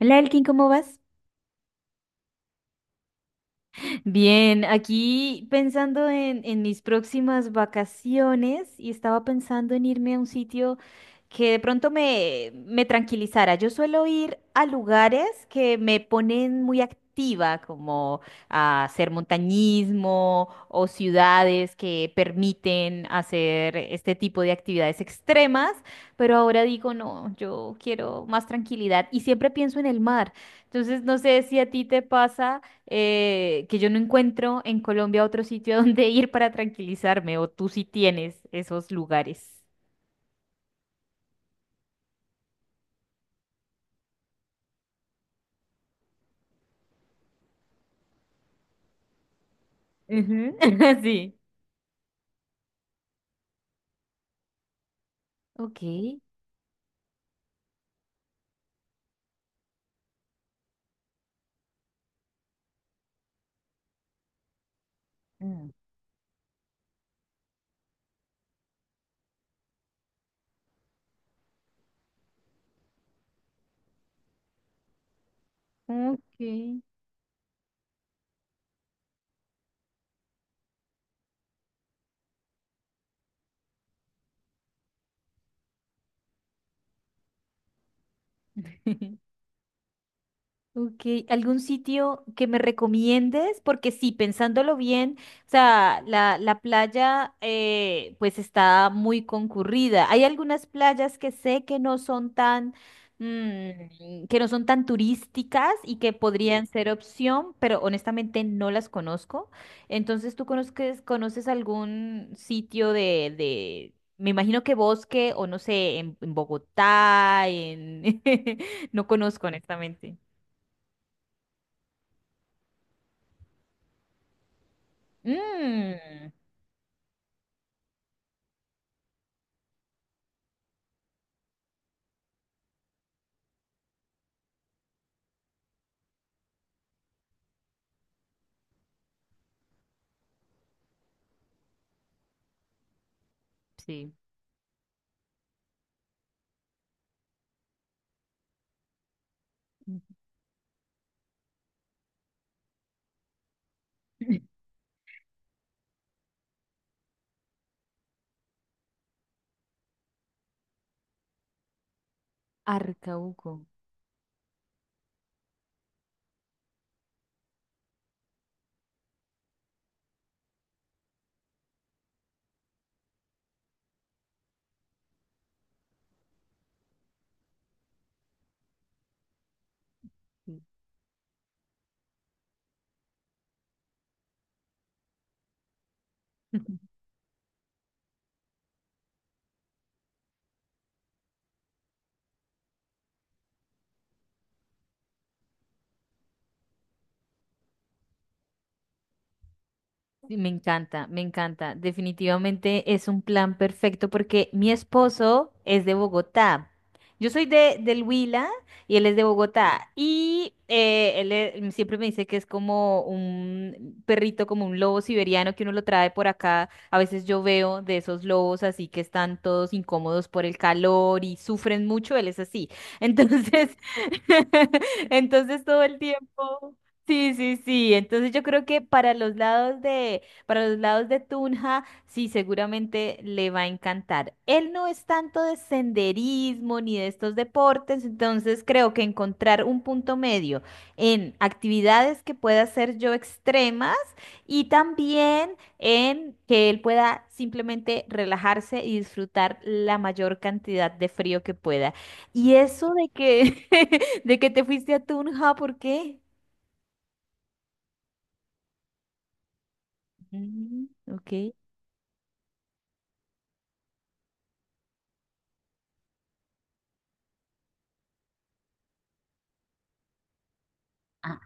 Hola Elkin, ¿cómo vas? Bien, aquí pensando en mis próximas vacaciones y estaba pensando en irme a un sitio que de pronto me tranquilizara. Yo suelo ir a lugares que me ponen muy activa, como a hacer montañismo o ciudades que permiten hacer este tipo de actividades extremas, pero ahora digo, no, yo quiero más tranquilidad y siempre pienso en el mar. Entonces, no sé si a ti te pasa que yo no encuentro en Colombia otro sitio a donde ir para tranquilizarme, o tú sí tienes esos lugares. Ujú. Sí. Ok. Mm. Ok. Ok, ¿algún sitio que me recomiendes? Porque sí, pensándolo bien, o sea, la playa pues está muy concurrida. Hay algunas playas que sé que no son tan, que no son tan turísticas y que podrían ser opción, pero honestamente no las conozco. Entonces, ¿tú conoces algún sitio me imagino que bosque o no sé, en Bogotá, en No conozco honestamente. Mm. Sí. Arcauco. Sí. Sí, me encanta, me encanta. Definitivamente es un plan perfecto porque mi esposo es de Bogotá. Yo soy del Huila y él es de Bogotá. Y él siempre me dice que es como un perrito, como un lobo siberiano que uno lo trae por acá. A veces yo veo de esos lobos así que están todos incómodos por el calor y sufren mucho. Él es así. Entonces, entonces todo el tiempo. Sí, sí, sí. Entonces yo creo que para los lados de Tunja, sí, seguramente le va a encantar. Él no es tanto de senderismo ni de estos deportes, entonces creo que encontrar un punto medio en actividades que pueda hacer yo extremas y también en que él pueda simplemente relajarse y disfrutar la mayor cantidad de frío que pueda. Y eso de que, de que te fuiste a Tunja, ¿por qué? Mm, ok. Ah.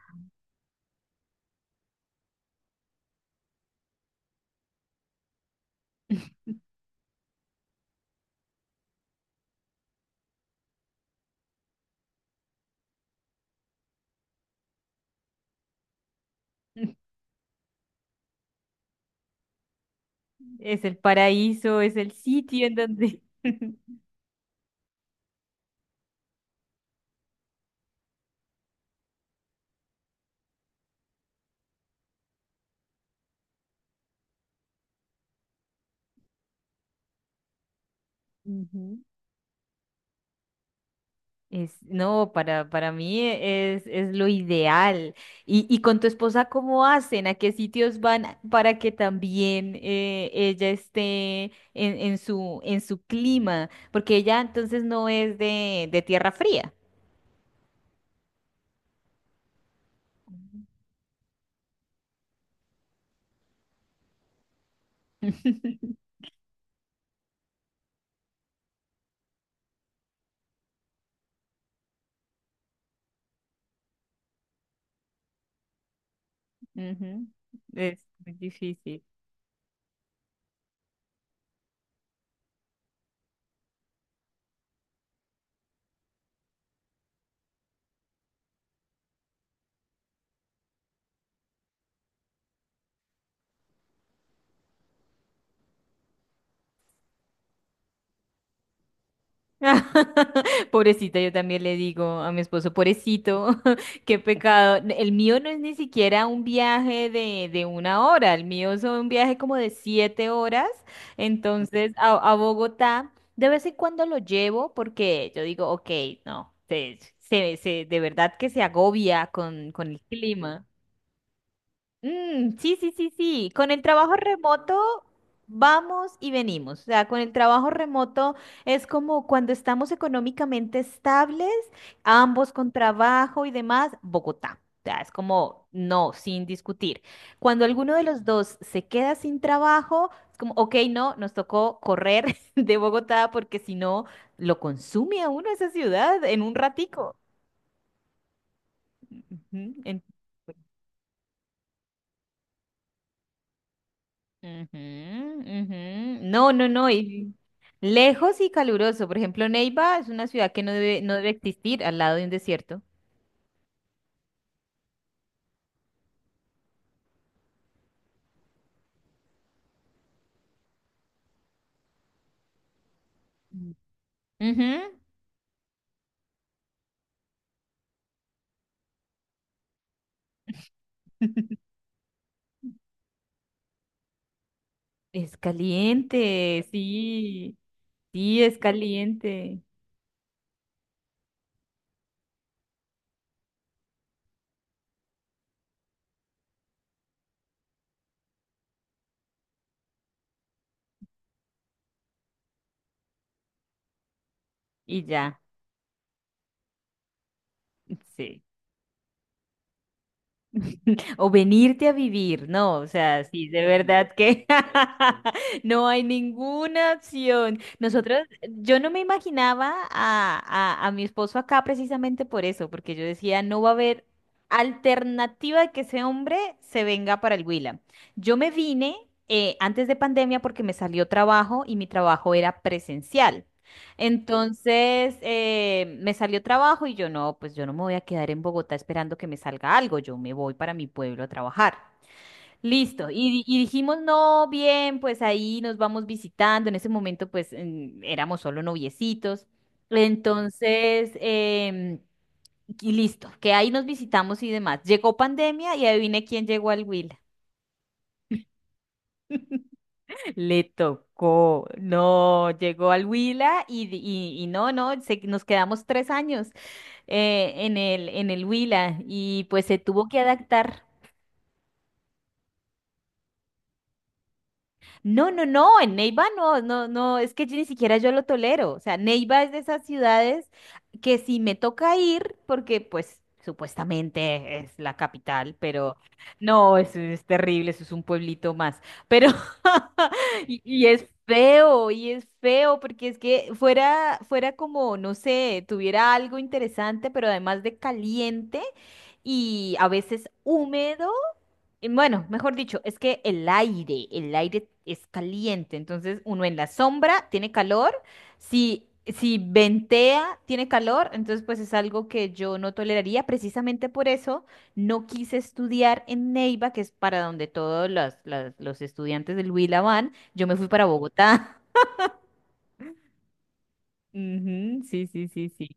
Es el paraíso, es el sitio en donde Ujú. No, para mí es lo ideal. Y con tu esposa, ¿cómo hacen? ¿A qué sitios van para que también ella esté en su clima? Porque ella entonces no es de tierra fría. Ujú, es muy difícil. Pobrecita, yo también le digo a mi esposo, pobrecito, qué pecado. El mío no es ni siquiera un viaje de 1 hora, el mío es un viaje como de 7 horas. Entonces, a Bogotá, de vez en cuando lo llevo porque yo digo, ok, no, de verdad que se agobia con el clima. Mm, sí, sí, sí, sí. Con el trabajo remoto vamos y venimos. O sea, con el trabajo remoto es como cuando estamos económicamente estables, ambos con trabajo y demás, Bogotá. O sea, es como no, sin discutir. Cuando alguno de los dos se queda sin trabajo, es como, ok, no, nos tocó correr de Bogotá porque si no, lo consume a uno esa ciudad en un ratico. Ujú, en Ujú, ujú. No, no, no. Y lejos y caluroso. Por ejemplo, Neiva es una ciudad que no debe existir al lado de un desierto. Ujú. Es caliente, sí. Sí, es caliente. Y ya. Sí. O venirte a vivir, no, o sea, sí, de verdad que no hay ninguna opción. Nosotros, yo no me imaginaba a mi esposo acá precisamente por eso, porque yo decía, no va a haber alternativa de que ese hombre se venga para el Huila. Yo me vine antes de pandemia porque me salió trabajo y mi trabajo era presencial. Entonces me salió trabajo y yo no, pues yo no me voy a quedar en Bogotá esperando que me salga algo, yo me voy para mi pueblo a trabajar. Listo, y dijimos, no, bien, pues ahí nos vamos visitando, en ese momento pues éramos solo noviecitos, entonces, y listo, que ahí nos visitamos y demás. Llegó pandemia y adivine quién llegó al Will. Le tocó, no, llegó al Huila y no, no, nos quedamos 3 años en el Huila y pues se tuvo que adaptar. No, no, no, en Neiva no, no, no, es que yo ni siquiera yo lo tolero. O sea, Neiva es de esas ciudades que si me toca ir, porque pues supuestamente es la capital, pero no, eso es terrible, eso es un pueblito más. Pero, y es feo, y es feo, porque es que fuera, fuera como, no sé, tuviera algo interesante, pero además de caliente y a veces húmedo. Y bueno, mejor dicho, es que el aire es caliente, entonces uno en la sombra tiene calor, si, si ventea tiene calor, entonces pues es algo que yo no toleraría, precisamente por eso no quise estudiar en Neiva, que es para donde todos los estudiantes del Huila van, yo me fui para Bogotá. Ujú, sí, sí, sí, sí.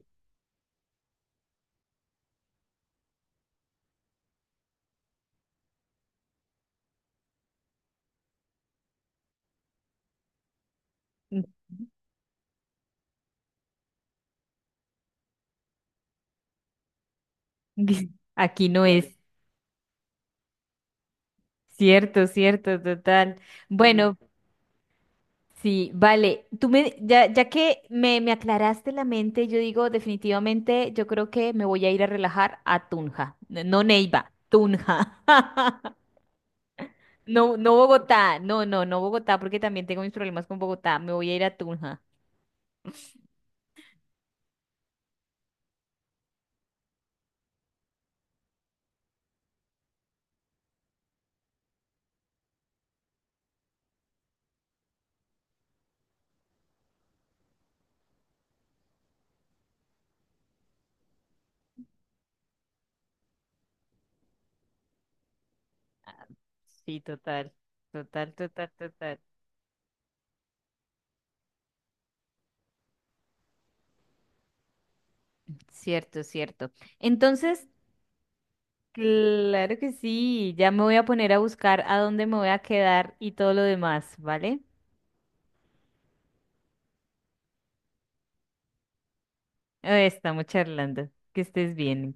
Aquí no es. Cierto, cierto, total. Mm. Bueno, sí, vale. Ya que me aclaraste la mente, yo digo definitivamente, yo creo que me voy a ir a relajar a Tunja. No Neiva, Tunja. No, no Bogotá, no, no, no Bogotá, porque también tengo mis problemas con Bogotá. Me voy a ir a Tunja. Sí, total, total, total, total. Cierto, cierto. Entonces, claro que sí, ya me voy a poner a buscar a dónde me voy a quedar y todo lo demás, ¿vale? Estamos charlando. Que estés bien.